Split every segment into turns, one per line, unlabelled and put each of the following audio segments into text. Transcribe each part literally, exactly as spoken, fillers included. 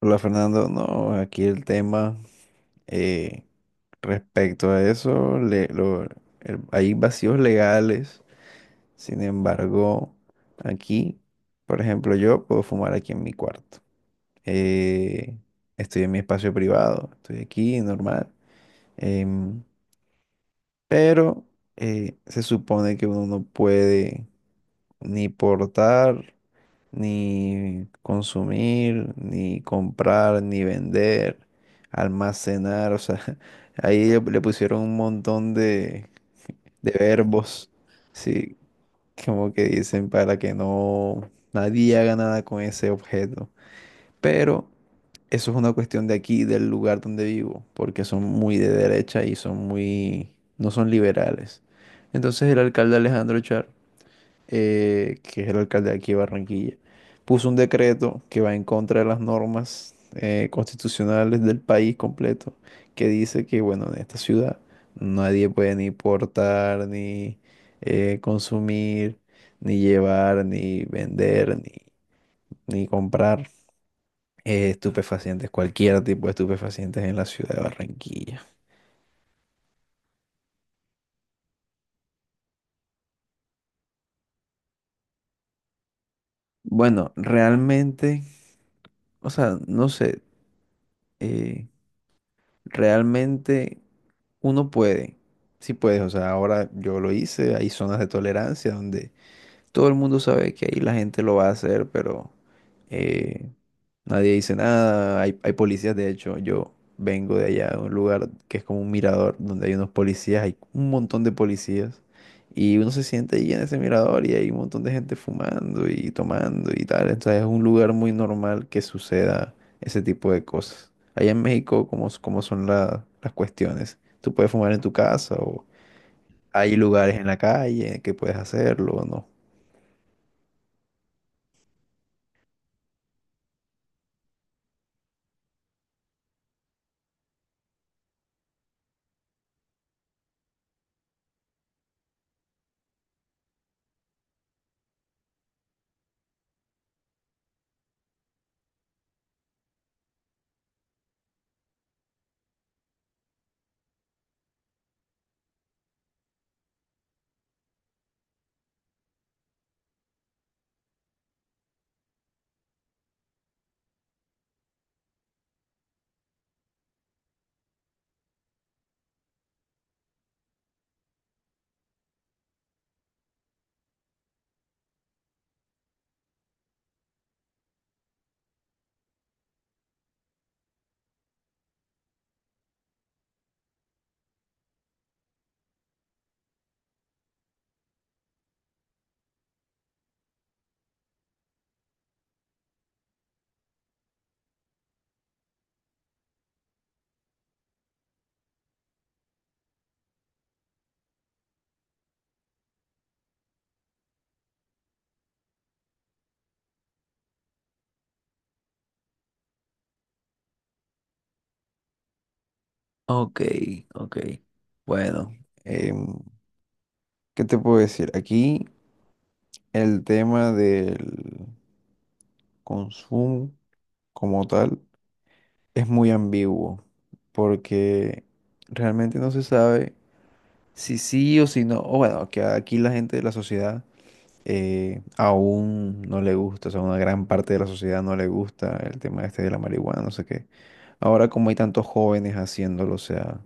Hola Fernando, no, aquí el tema eh, respecto a eso, le- lo- el- hay vacíos legales. Sin embargo, aquí, por ejemplo, yo puedo fumar aquí en mi cuarto. Eh, Estoy en mi espacio privado, estoy aquí, normal, em, pero eh, se supone que uno no puede ni portar, ni consumir, ni comprar, ni vender, almacenar, o sea, ahí le, le pusieron un montón de, de verbos, sí, como que dicen para que no nadie haga nada con ese objeto. Pero eso es una cuestión de aquí, del lugar donde vivo, porque son muy de derecha y son muy, no son liberales. Entonces el alcalde Alejandro Char eh, que es el alcalde de aquí de Barranquilla, puso un decreto que va en contra de las normas eh, constitucionales del país completo, que dice que, bueno, en esta ciudad nadie puede ni portar, ni eh, consumir, ni llevar, ni vender, ni, ni comprar eh, estupefacientes, cualquier tipo de estupefacientes en la ciudad de Barranquilla. Bueno, realmente, o sea, no sé, eh, realmente uno puede, sí puedes, o sea, ahora yo lo hice, hay zonas de tolerancia donde todo el mundo sabe que ahí la gente lo va a hacer, pero eh, nadie dice nada, hay, hay policías. De hecho, yo vengo de allá, de un lugar que es como un mirador, donde hay unos policías, hay un montón de policías, y uno se siente allí en ese mirador y hay un montón de gente fumando y tomando y tal. Entonces es un lugar muy normal que suceda ese tipo de cosas. Allá en México, ¿cómo, s- cómo son la- las cuestiones? ¿Tú puedes fumar en tu casa o hay lugares en la calle que puedes hacerlo o no? Ok, ok. Bueno, em, ¿qué te puedo decir? Aquí el tema del consumo como tal es muy ambiguo, porque realmente no se sabe si sí o si no. O bueno, que aquí la gente de la sociedad eh, aún no le gusta, o sea, una gran parte de la sociedad no le gusta el tema este de la marihuana, no sé qué. Ahora como hay tantos jóvenes haciéndolo, o sea,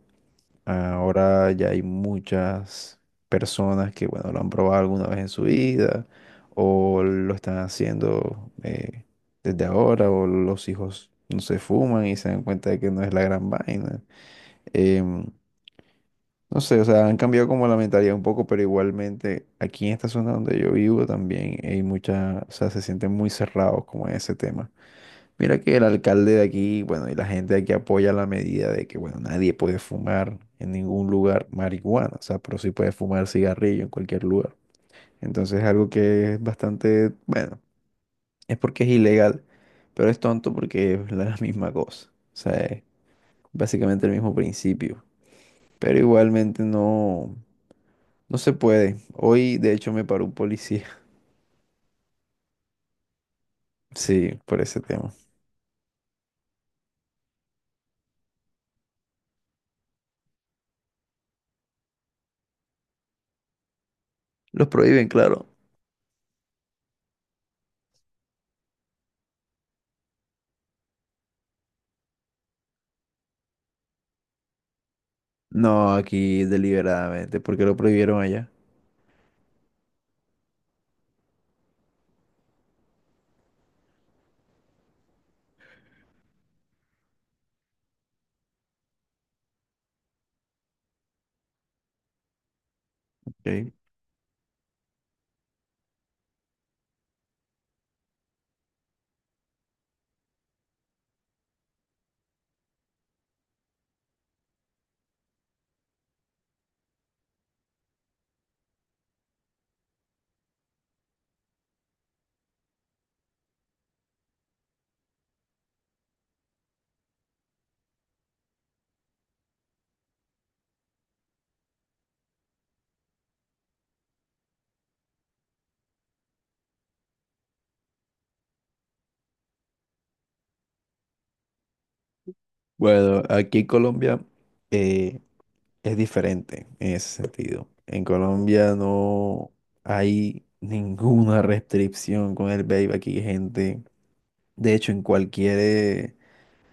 ahora ya hay muchas personas que, bueno, lo han probado alguna vez en su vida o lo están haciendo eh, desde ahora, o los hijos no se fuman y se dan cuenta de que no es la gran vaina. Em, no sé, o sea, han cambiado como la mentalidad un poco, pero igualmente aquí en esta zona donde yo vivo también hay mucha, o sea, se sienten muy cerrados como en ese tema. Mira que el alcalde de aquí, bueno, y la gente de aquí apoya la medida de que, bueno, nadie puede fumar en ningún lugar marihuana, o sea, pero sí puede fumar cigarrillo en cualquier lugar. Entonces es algo que es bastante, bueno, es porque es ilegal, pero es tonto porque es la misma cosa, o sea, es básicamente el mismo principio, pero igualmente no, no se puede. Hoy, de hecho, me paró un policía, sí, por ese tema. Los prohíben, claro. No, aquí deliberadamente, porque lo prohibieron allá. Ok. Bueno, aquí en Colombia eh, es diferente en ese sentido. En Colombia no hay ninguna restricción con el vape. Aquí hay gente, de hecho, en cualquier, eh,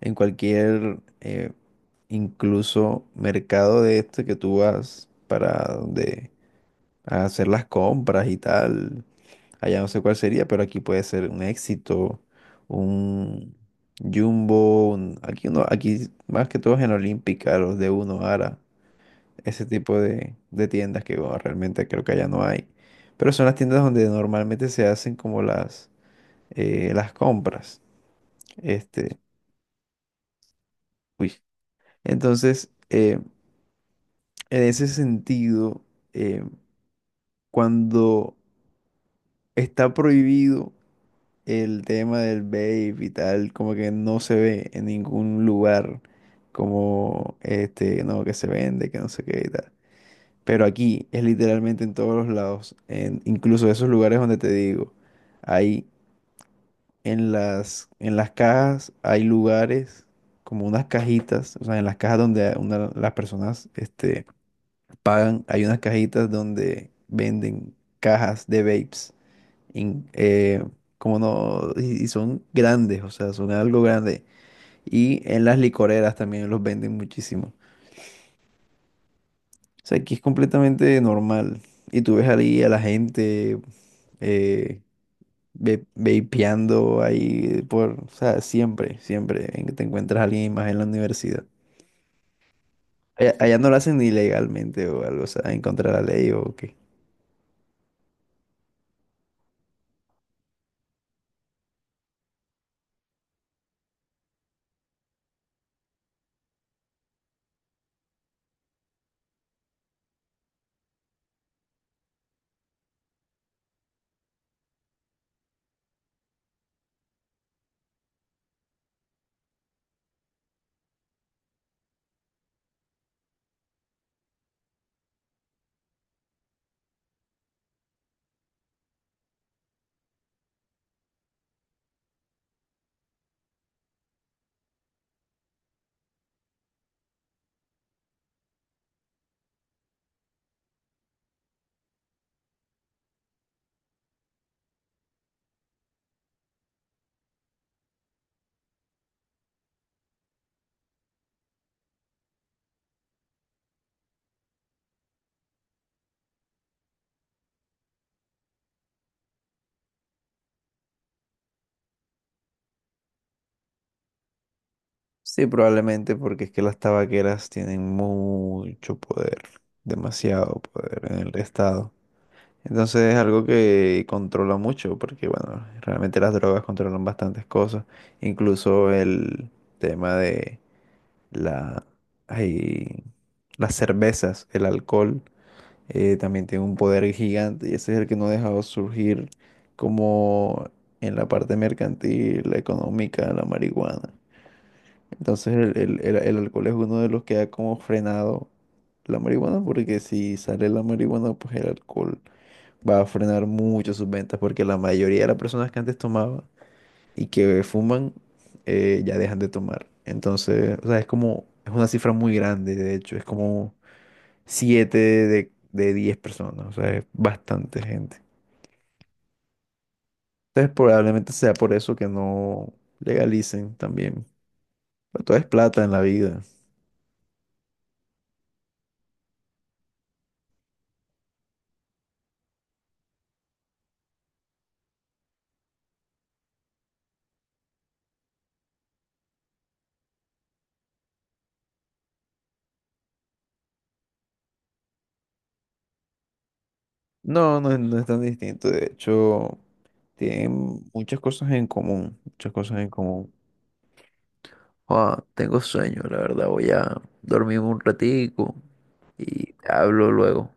en cualquier, eh, incluso mercado de este que tú vas para donde a hacer las compras y tal. Allá no sé cuál sería, pero aquí puede ser un Éxito, un Jumbo, un- aquí uno, aquí más que todo es en Olímpica, los de Uno, Ara, ese tipo de, de tiendas que bueno, realmente creo que allá no hay. Pero son las tiendas donde normalmente se hacen como las, eh, las compras. Este, uy. Entonces, eh, en ese sentido, eh, cuando está prohibido el tema del vape y tal, como que no se ve en ningún lugar como este, no, que se vende, que no sé qué y tal. Pero aquí es literalmente en todos los lados, en, incluso esos lugares donde te digo, hay en las, en las cajas, hay lugares como unas cajitas, o sea, en las cajas donde una- las personas este, pagan, hay unas cajitas donde venden cajas de vapes in- eh, como no, y, y son grandes, o sea, son algo grande. Y en las licoreras también los venden muchísimo. O sea, aquí es completamente normal. Y tú ves ahí a la gente eh, ve- vapeando ahí por, o sea, siempre, siempre en- te encuentras a alguien más en la universidad. Allá, allá no lo hacen ni legalmente o algo, o sea, en contra de la ley o qué. Sí, probablemente porque es que las tabaqueras tienen mucho poder, demasiado poder en el estado. Entonces es algo que controla mucho, porque bueno, realmente las drogas controlan bastantes cosas, incluso el tema de la, ay, las cervezas, el alcohol, eh, también tiene un poder gigante y ese es el que no ha dejado surgir como en la parte mercantil, la económica, la marihuana. Entonces el, el el- el alcohol es uno de los que ha como frenado la marihuana, porque si sale la marihuana, pues el alcohol va a frenar mucho sus ventas, porque la mayoría de las personas que antes tomaban y que fuman eh, ya dejan de tomar. Entonces, o sea, es como, es una cifra muy grande, de hecho, es como siete de, de diez personas, o sea, es bastante gente. Entonces probablemente sea por eso que no legalicen también. Pero todo es plata en la vida. No, no, es- no es tan distinto, de hecho, tienen muchas cosas en común, muchas cosas en común. Joa, tengo sueño, la verdad. Voy a dormir un ratico y te hablo luego.